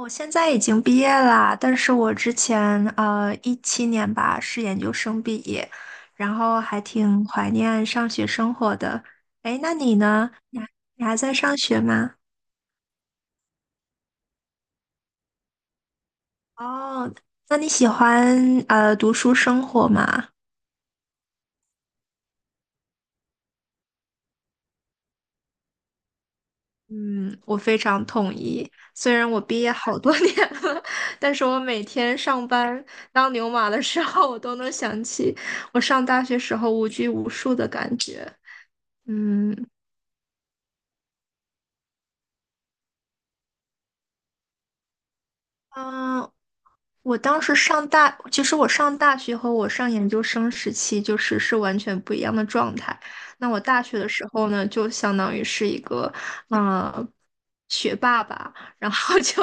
我现在已经毕业啦，但是我之前17年吧是研究生毕业，然后还挺怀念上学生活的。哎，那你呢？你还在上学吗？哦，那你喜欢读书生活吗？嗯，我非常同意。虽然我毕业好多年了，但是我每天上班当牛马的时候，我都能想起我上大学时候无拘无束的感觉。嗯。嗯，我当时上大，其实我上大学和我上研究生时期就是完全不一样的状态。那我大学的时候呢，就相当于是一个嗯学霸吧，然后 就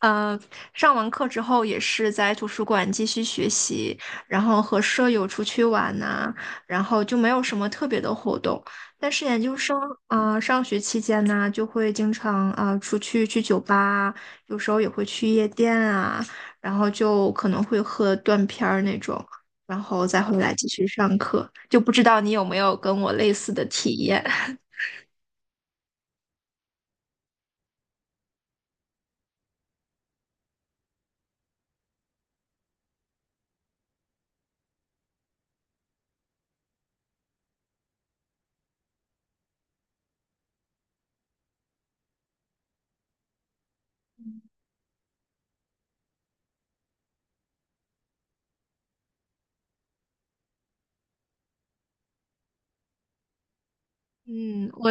嗯上完课之后也是在图书馆继续学习，然后和舍友出去玩呐、然后就没有什么特别的活动。但是研究生啊、上学期间呢，就会经常啊、出去去酒吧啊有时候也会去夜店啊。然后就可能会喝断片儿那种，然后再回来继续上课。就不知道你有没有跟我类似的体验？嗯，我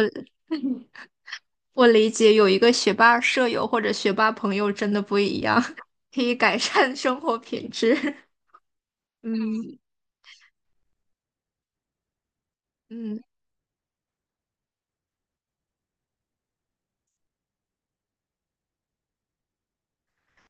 我理解，有一个学霸舍友或者学霸朋友真的不一样，可以改善生活品质。嗯嗯。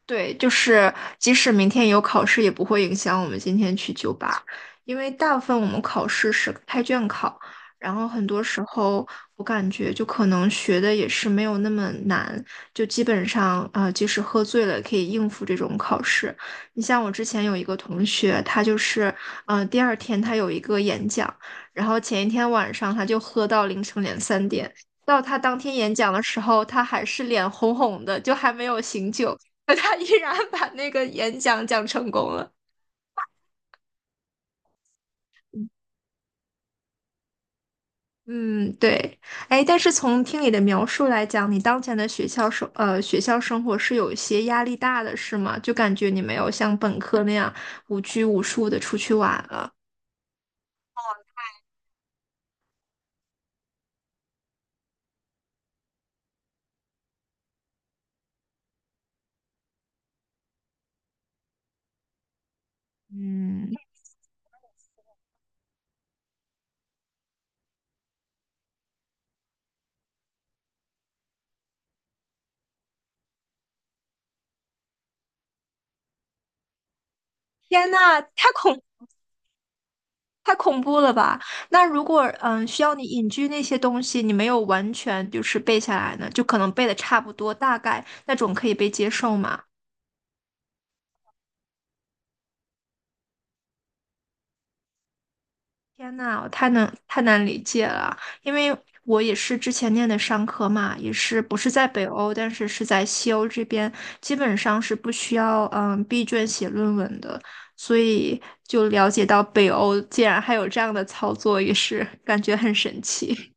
对，就是即使明天有考试，也不会影响我们今天去酒吧，因为大部分我们考试是开卷考，然后很多时候我感觉就可能学的也是没有那么难，就基本上呃，即使喝醉了也可以应付这种考试。你像我之前有一个同学，他就是第二天他有一个演讲，然后前一天晚上他就喝到凌晨两三点。到他当天演讲的时候，他还是脸红红的，就还没有醒酒。可他依然把那个演讲讲成功了。嗯，对，哎，但是从听你的描述来讲，你当前的学校生活是有一些压力大的，是吗？就感觉你没有像本科那样无拘无束的出去玩了。嗯，天呐，太恐怖了吧？那如果需要你隐居那些东西，你没有完全就是背下来呢，就可能背的差不多，大概那种可以被接受吗？天呐，我太难理解了，因为我也是之前念的商科嘛，也是不是在北欧，但是是在西欧这边，基本上是不需要闭卷写论文的，所以就了解到北欧竟然还有这样的操作，也是 感觉很神奇。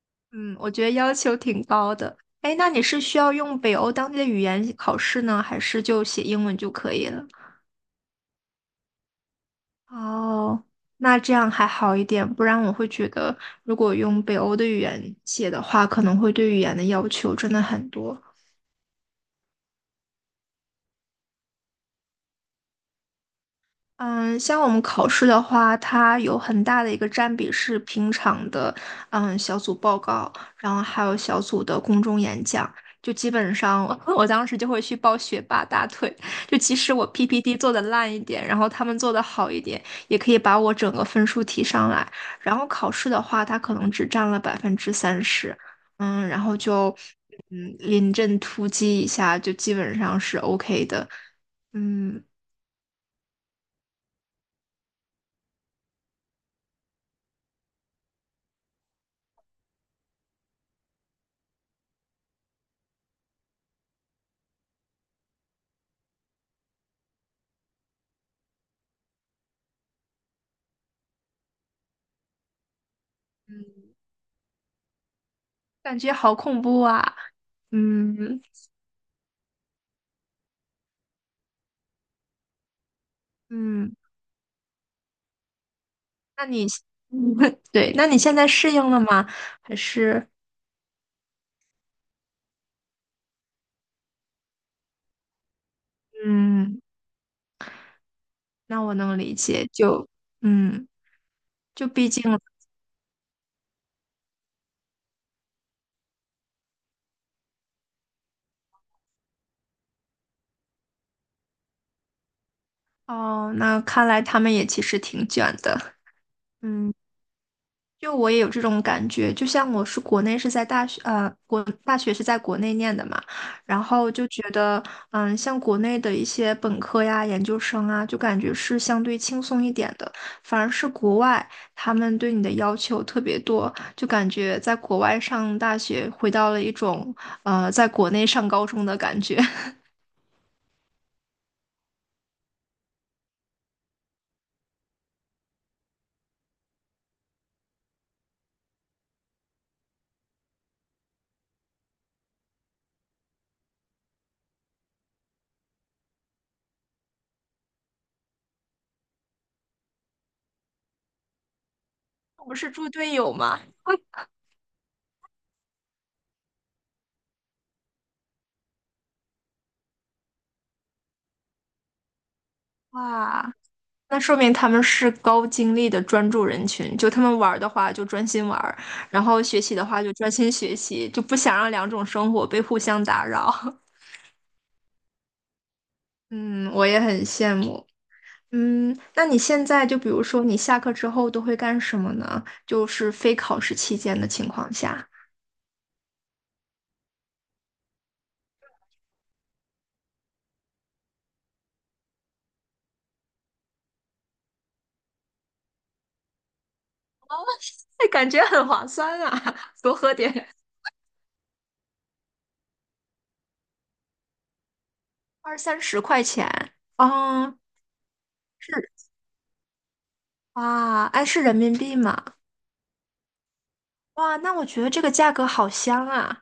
嗯，我觉得要求挺高的。哎，那你是需要用北欧当地的语言考试呢，还是就写英文就可以了？哦，那这样还好一点，不然我会觉得，如果用北欧的语言写的话，可能会对语言的要求真的很多。嗯，像我们考试的话，它有很大的一个占比是平常的，嗯，小组报告，然后还有小组的公众演讲。就基本上，我当时就会去抱学霸大腿。就即使我 PPT 做的烂一点，然后他们做的好一点，也可以把我整个分数提上来。然后考试的话，它可能只占了30%，嗯，然后就嗯临阵突击一下，就基本上是 OK 的。嗯，感觉好恐怖啊！嗯嗯，那你 对，那你现在适应了吗？还是嗯，那我能理解，就嗯，就毕竟哦，那看来他们也其实挺卷的，嗯。就我也有这种感觉，就像我是国内是在大学，国大学是在国内念的嘛，然后就觉得，嗯，像国内的一些本科呀、研究生啊，就感觉是相对轻松一点的，反而是国外他们对你的要求特别多，就感觉在国外上大学回到了一种，呃，在国内上高中的感觉。我们是猪队友吗？哇！那说明他们是高精力的专注人群，就他们玩儿的话就专心玩儿，然后学习的话就专心学习，就不想让两种生活被互相打扰。嗯，我也很羡慕。嗯，那你现在就比如说你下课之后都会干什么呢？就是非考试期间的情况下，哎，感觉很划算啊，多喝点，二三十块钱。嗯，是哇，哎，是人民币吗？哇，那我觉得这个价格好香啊。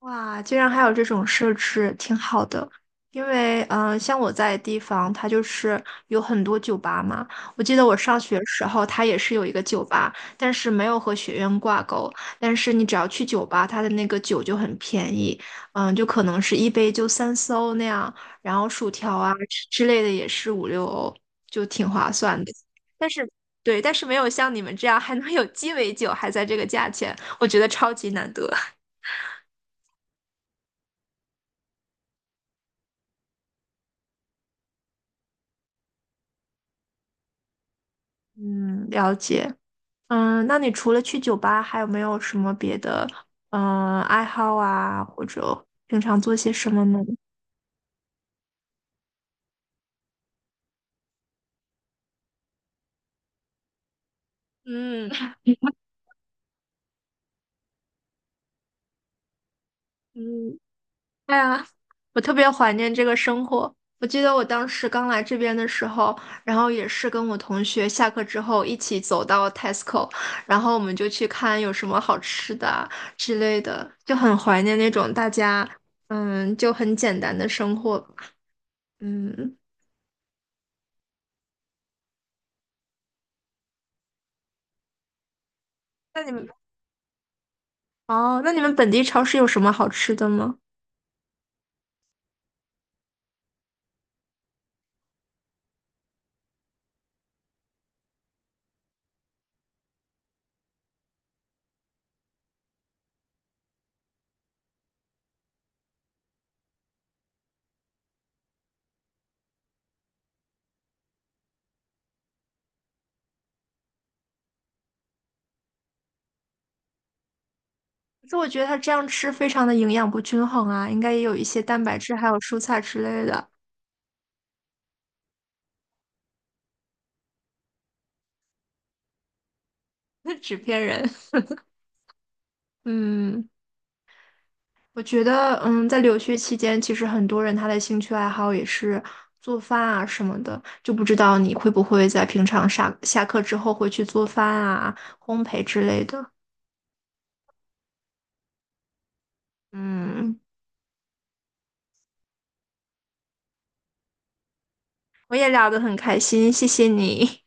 哇，居然还有这种设置，挺好的。因为，嗯、呃像我在的地方，它就是有很多酒吧嘛。我记得我上学时候，它也是有一个酒吧，但是没有和学院挂钩。但是你只要去酒吧，它的那个酒就很便宜，嗯、就可能是一杯就三四欧那样，然后薯条啊之类的也是五六欧，就挺划算的。但是，对，但是没有像你们这样还能有鸡尾酒，还在这个价钱，我觉得超级难得。嗯，了解。嗯，那你除了去酒吧，还有没有什么别的嗯爱好啊，或者平常做些什么呢？嗯嗯，哎呀，我特别怀念这个生活。我记得我当时刚来这边的时候，然后也是跟我同学下课之后一起走到 Tesco，然后我们就去看有什么好吃的啊之类的，就很怀念那种大家嗯就很简单的生活吧嗯，那你们哦，那你们本地超市有什么好吃的吗？可是我觉得他这样吃非常的营养不均衡啊，应该也有一些蛋白质还有蔬菜之类的，纸片人。嗯，我觉得，嗯，在留学期间，其实很多人他的兴趣爱好也是做饭啊什么的，就不知道你会不会在平常下课之后会去做饭啊、烘焙之类的。嗯，我也聊得很开心，谢谢你。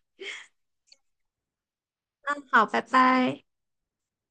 好，拜拜。